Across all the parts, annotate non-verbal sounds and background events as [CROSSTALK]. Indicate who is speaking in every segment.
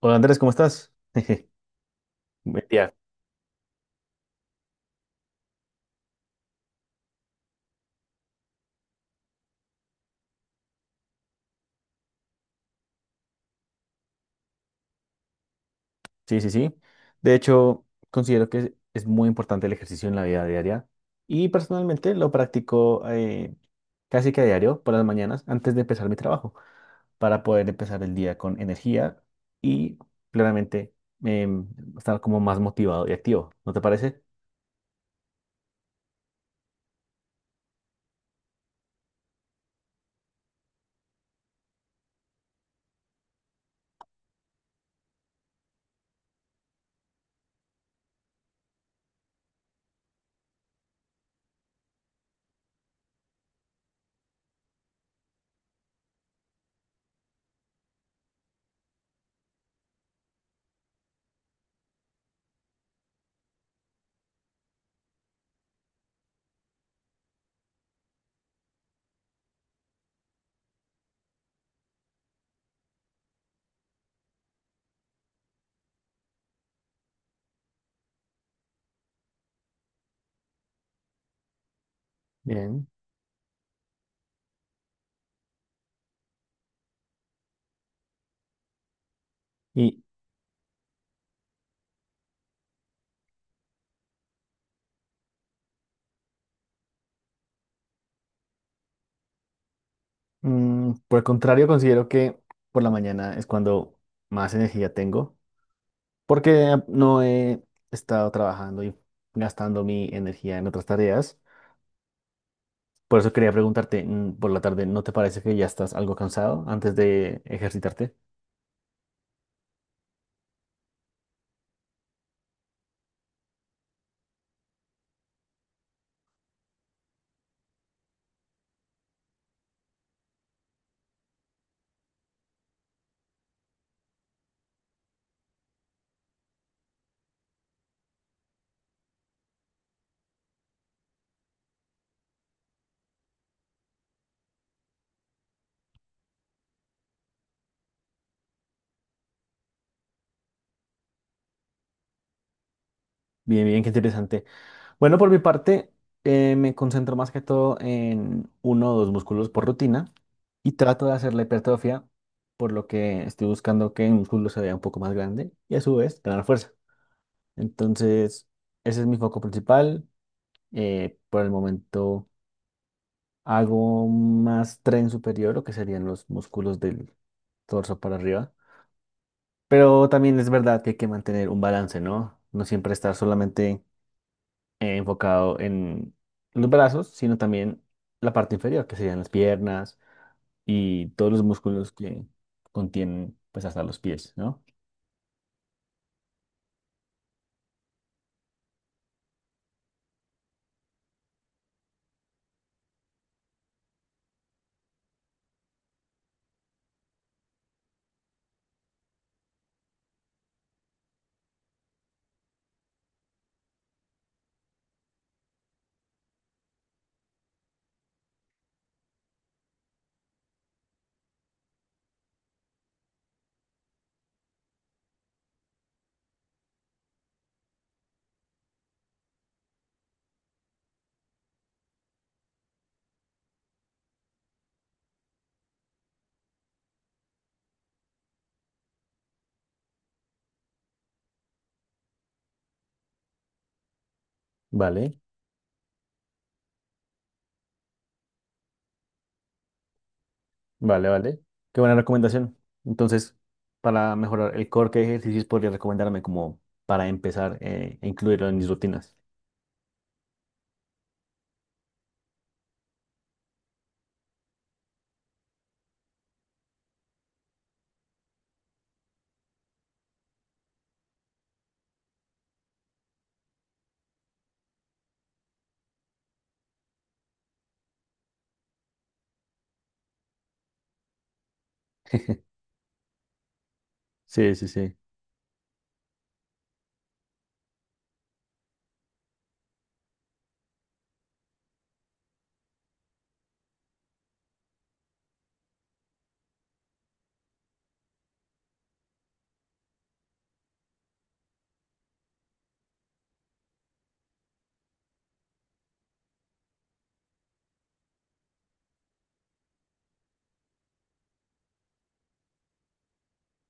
Speaker 1: Hola Andrés, ¿cómo estás? [LAUGHS] Buen día. Sí, sí, sí. De hecho, considero que es muy importante el ejercicio en la vida diaria y personalmente lo practico casi que a diario por las mañanas antes de empezar mi trabajo para poder empezar el día con energía y claramente em, estar como más motivado y activo. ¿No te parece? Bien. Y por el contrario, considero que por la mañana es cuando más energía tengo porque no he estado trabajando y gastando mi energía en otras tareas. Por eso quería preguntarte por la tarde, ¿no te parece que ya estás algo cansado antes de ejercitarte? Bien, bien, qué interesante. Bueno, por mi parte, me concentro más que todo en uno o dos músculos por rutina y trato de hacer la hipertrofia, por lo que estoy buscando que el músculo se vea un poco más grande y a su vez ganar fuerza. Entonces, ese es mi foco principal, por el momento. Hago más tren superior, lo que serían los músculos del torso para arriba. Pero también es verdad que hay que mantener un balance, ¿no? No siempre estar solamente enfocado en los brazos, sino también la parte inferior, que serían las piernas y todos los músculos que contienen, pues, hasta los pies, ¿no? Vale, vale, vale. Qué buena recomendación. Entonces, para mejorar el core, ¿qué ejercicios podría recomendarme como para empezar a incluirlo en mis rutinas? [LAUGHS] Sí, sí, sí.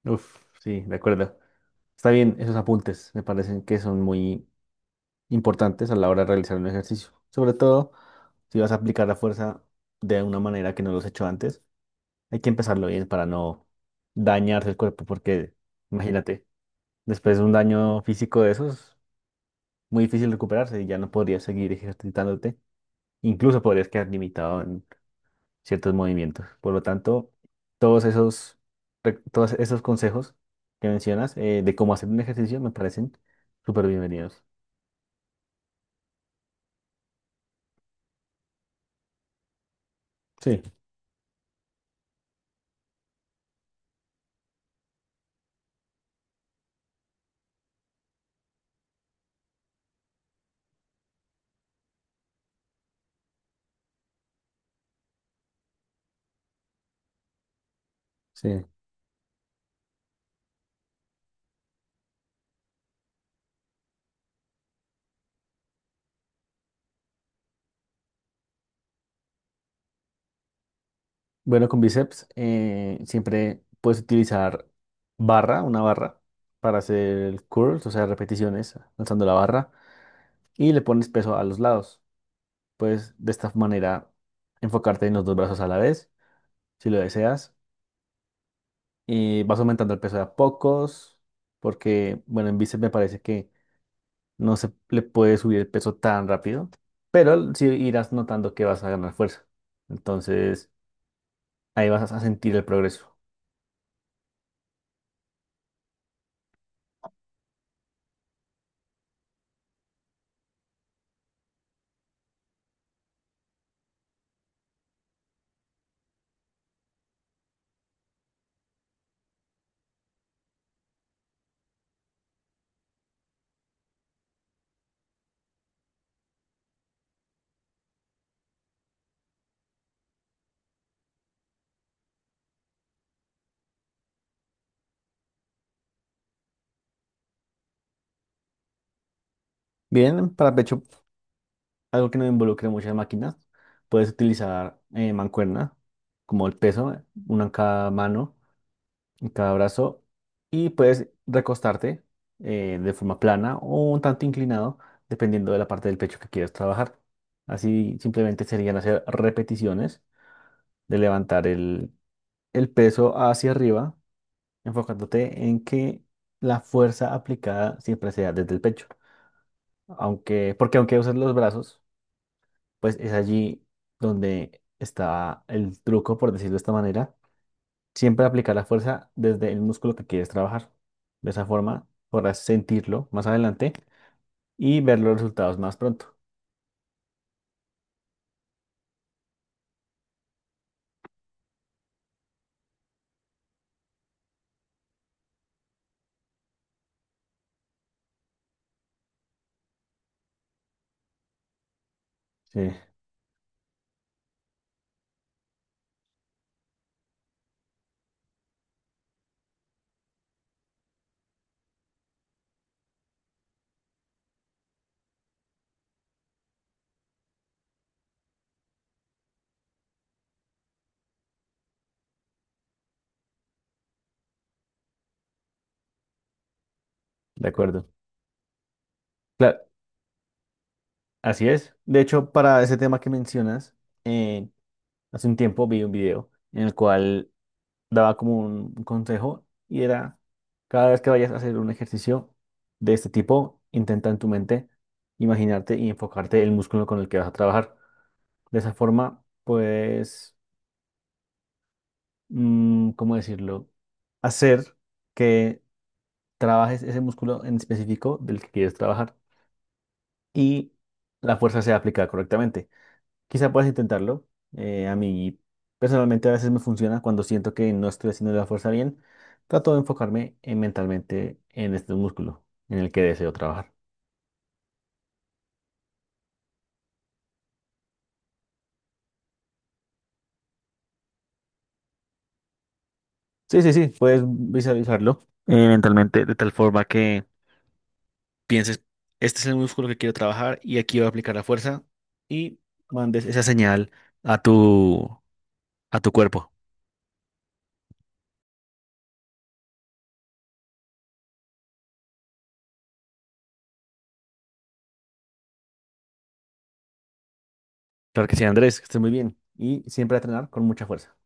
Speaker 1: Uf, sí, de acuerdo. Está bien, esos apuntes me parecen que son muy importantes a la hora de realizar un ejercicio. Sobre todo si vas a aplicar la fuerza de una manera que no los he hecho antes, hay que empezarlo bien para no dañarse el cuerpo, porque imagínate, después de un daño físico de esos, muy difícil recuperarse y ya no podrías seguir ejercitándote. Incluso podrías quedar limitado ciertos movimientos. Por lo tanto, todos esos, todos esos consejos que mencionas de cómo hacer un ejercicio me parecen súper bienvenidos. Sí, sí. Bueno, con bíceps siempre puedes utilizar barra, una barra, para hacer curls, o sea, repeticiones lanzando la barra y le pones peso a los lados. Puedes de esta manera enfocarte en los dos brazos a la vez, si lo deseas, y vas aumentando el peso de a pocos, porque, bueno, en bíceps me parece que no se le puede subir el peso tan rápido, pero sí irás notando que vas a ganar fuerza. Entonces, ahí vas a sentir el progreso. Bien, para pecho, algo que no involucre muchas máquinas, puedes utilizar mancuerna, como el peso, una en cada mano, en cada brazo, y puedes recostarte de forma plana o un tanto inclinado, dependiendo de la parte del pecho que quieras trabajar. Así simplemente serían hacer repeticiones de levantar el peso hacia arriba, enfocándote en que la fuerza aplicada siempre sea desde el pecho. Aunque, porque aunque uses los brazos, pues es allí donde está el truco, por decirlo de esta manera. Siempre aplicar la fuerza desde el músculo que quieres trabajar. De esa forma podrás sentirlo más adelante y ver los resultados más pronto. Sí, de acuerdo. Claro, así es. De hecho, para ese tema que mencionas, eh, hace un tiempo vi un video en el cual daba como un consejo y era, cada vez que vayas a hacer un ejercicio de este tipo, intenta en tu mente imaginarte y enfocarte el músculo con el que vas a trabajar. De esa forma, pues, ¿cómo decirlo? Hacer que trabajes ese músculo en específico del que quieres trabajar y la fuerza sea aplicada correctamente. Quizá puedas intentarlo. A mí personalmente a veces me funciona cuando siento que no estoy haciendo la fuerza bien. Trato de enfocarme en mentalmente en este músculo en el que deseo trabajar. Sí, sí, sí, puedes visualizarlo mentalmente de tal forma que pienses, este es el músculo que quiero trabajar y aquí voy a aplicar la fuerza y mandes esa señal a tu, a tu cuerpo. Claro que sí, Andrés, que estés muy bien y siempre a entrenar con mucha fuerza.